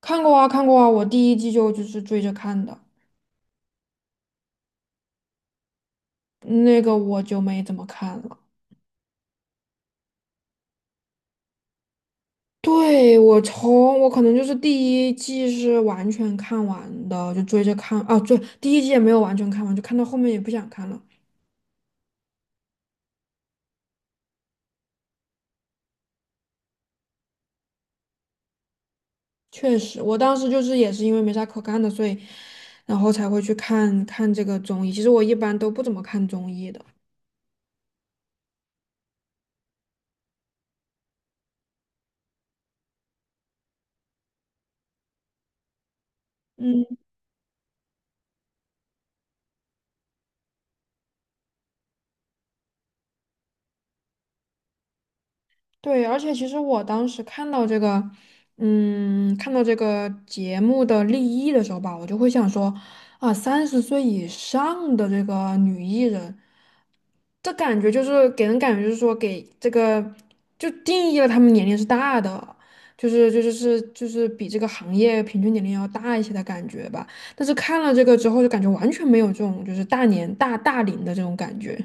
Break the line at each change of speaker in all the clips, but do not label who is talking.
看过啊，看过啊，我第一季就是追着看的，那个我就没怎么看了。对，我可能就是第一季是完全看完的，就追着看啊，对，第一季也没有完全看完，就看到后面也不想看了。确实，我当时就是也是因为没啥可干的，所以然后才会去看看这个综艺。其实我一般都不怎么看综艺的。嗯。对，而且其实我当时看到这个节目的立意的时候吧，我就会想说，啊，三十岁以上的这个女艺人，这感觉就是给人感觉就是说给这个就定义了她们年龄是大的，就是比这个行业平均年龄要大一些的感觉吧。但是看了这个之后，就感觉完全没有这种就是大年大大龄的这种感觉。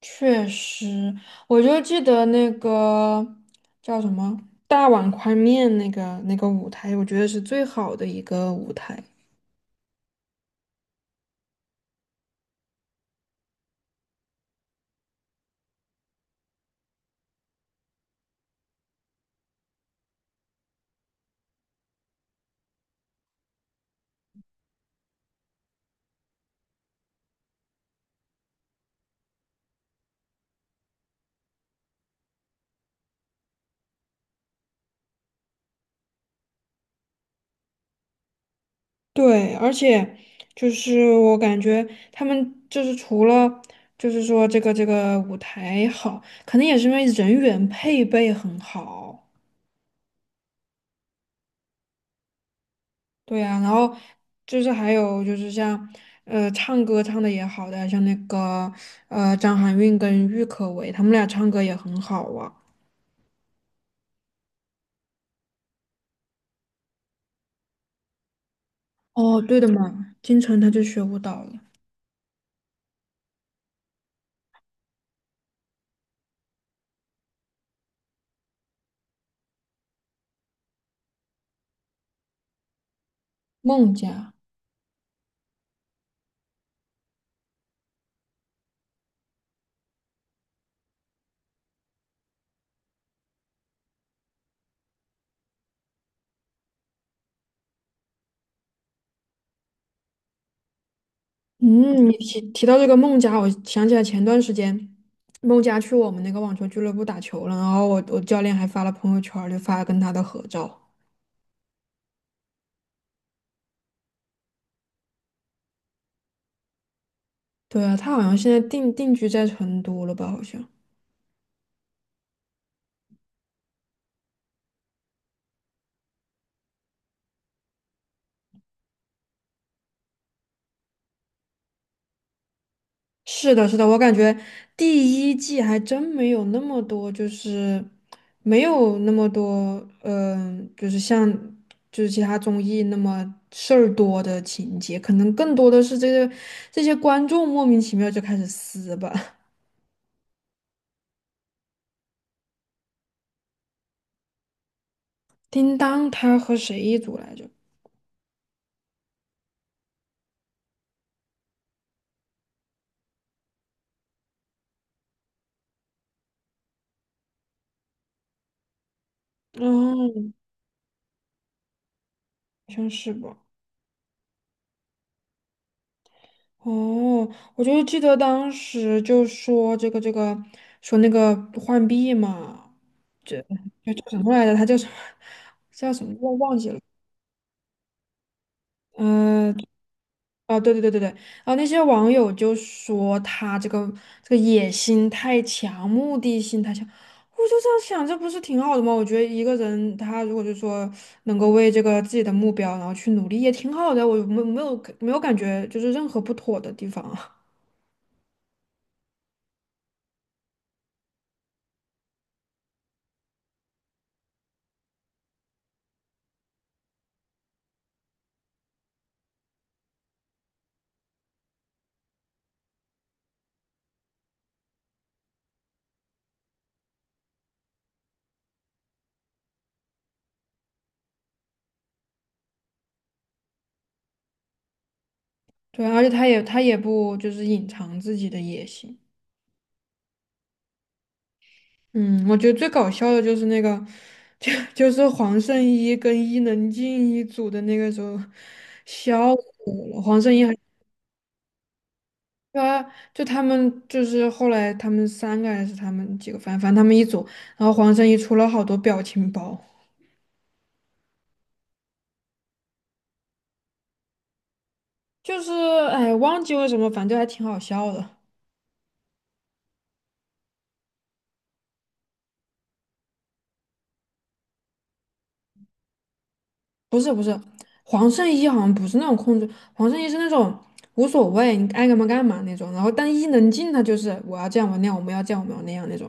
确实，我就记得那个叫什么大碗宽面那个舞台，我觉得是最好的一个舞台。对，而且就是我感觉他们就是除了就是说这个舞台好，可能也是因为人员配备很好。对呀、然后就是还有就是像唱歌唱的也好的，像那个张含韵跟郁可唯，他们俩唱歌也很好啊。哦，对的嘛，金晨她就学舞蹈了。孟佳，嗯，你提到这个孟佳，我想起来前段时间孟佳去我们那个网球俱乐部打球了，然后我教练还发了朋友圈儿就发了跟他的合照。对啊，他好像现在定居在成都了吧？好像。是的，是的，我感觉第一季还真没有那么多，就是没有那么多，就是像就是其他综艺那么事儿多的情节，可能更多的是这些观众莫名其妙就开始撕吧。叮当他和谁一组来着？嗯，好像是吧。哦，我就记得当时就说这个说那个浣碧嘛。这就叫什么来着？他叫什么？叫什么？我忘记了。嗯、哦，对对对对对，然后那些网友就说他这个野心太强，目的性太强。我就这样想，这不是挺好的吗？我觉得一个人他如果就说能够为这个自己的目标然后去努力，也挺好的。我没有感觉就是任何不妥的地方啊。对，而且他也不就是隐藏自己的野心。嗯，我觉得最搞笑的就是那个，就是黄圣依跟伊能静一组的那个时候，笑死我了。黄圣依还啊，就他们就是后来他们三个还是他们几个，反正他们一组，然后黄圣依出了好多表情包，就是哎忘记为什么，反正还挺好笑的。不是不是，黄圣依好像不是那种控制，黄圣依是那种无所谓，你爱干嘛干嘛那种。然后但伊能静她就是我要这样我那样，我们要这样我们要那样那种。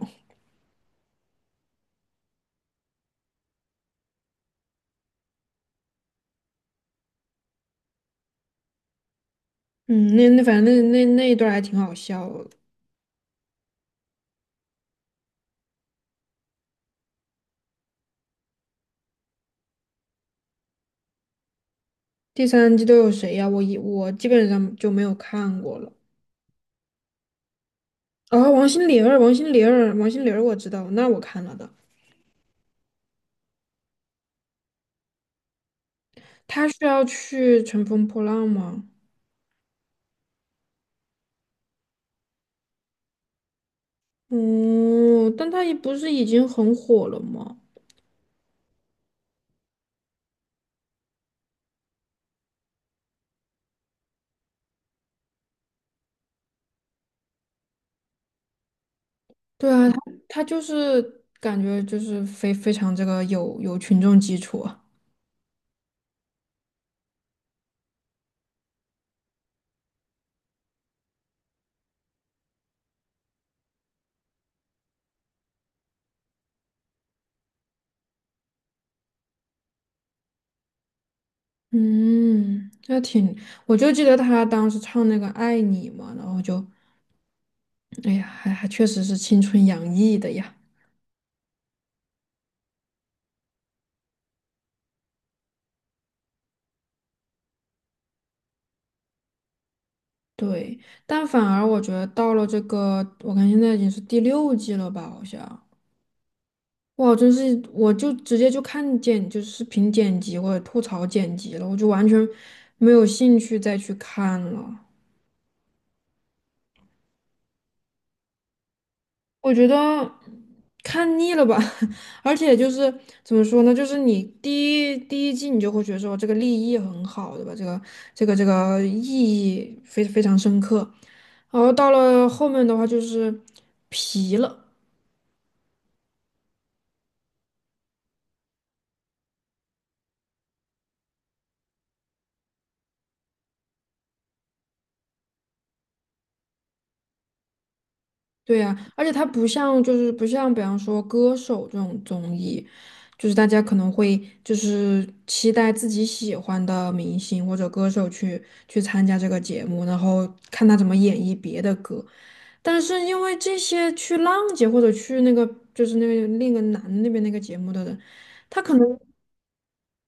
嗯，反正那一段儿还挺好笑的。第三季都有谁呀、我基本上就没有看过了。哦，王心凌儿，王心凌儿，王心凌儿，我知道，那我看了的。她是要去乘风破浪吗？嗯，但她也不是已经很火了吗？对啊，她就是感觉就是非常这个有群众基础啊嗯，那挺，我就记得她当时唱那个《爱你》嘛，然后就哎呀，还确实是青春洋溢的呀。对，但反而我觉得到了这个，我看现在已经是第六季了吧，好像。哇，真是，我就直接就看见就是视频剪辑或者吐槽剪辑了，我就完全没有兴趣再去看了。我觉得看腻了吧，而且就是怎么说呢，就是你第一季你就会觉得说这个立意很好，对吧？这个意义非常深刻，然后到了后面的话就是疲了，对呀、而且它不像比方说歌手这种综艺，就是大家可能会就是期待自己喜欢的明星或者歌手去参加这个节目，然后看他怎么演绎别的歌。但是因为这些去浪姐或者去那个就是那个另一个男的那边那个节目的人，他可能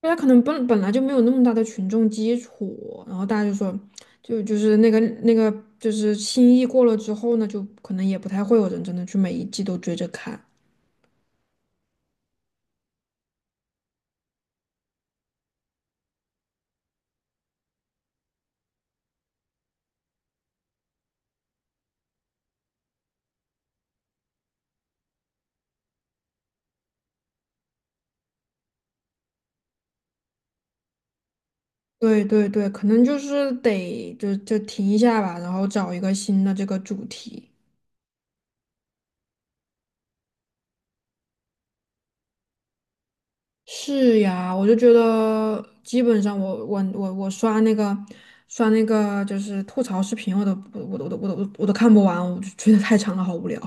他可能本来就没有那么大的群众基础，然后大家就说，就是那个就是新意过了之后呢，就可能也不太会有人真的去每一季都追着看。对对对，可能就是得就停一下吧，然后找一个新的这个主题。是呀，我就觉得基本上我刷那个就是吐槽视频，我都看不完，我就觉得太长了，好无聊。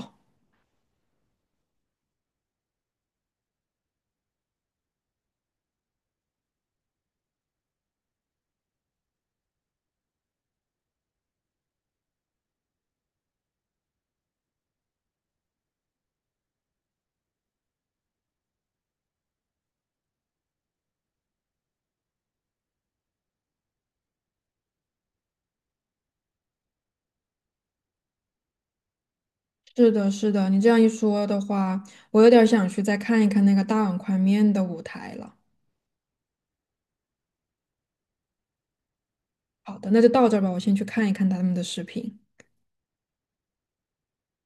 是的，是的，你这样一说的话，我有点儿想去再看一看那个大碗宽面的舞台了。好的，那就到这儿吧，我先去看一看他们的视频。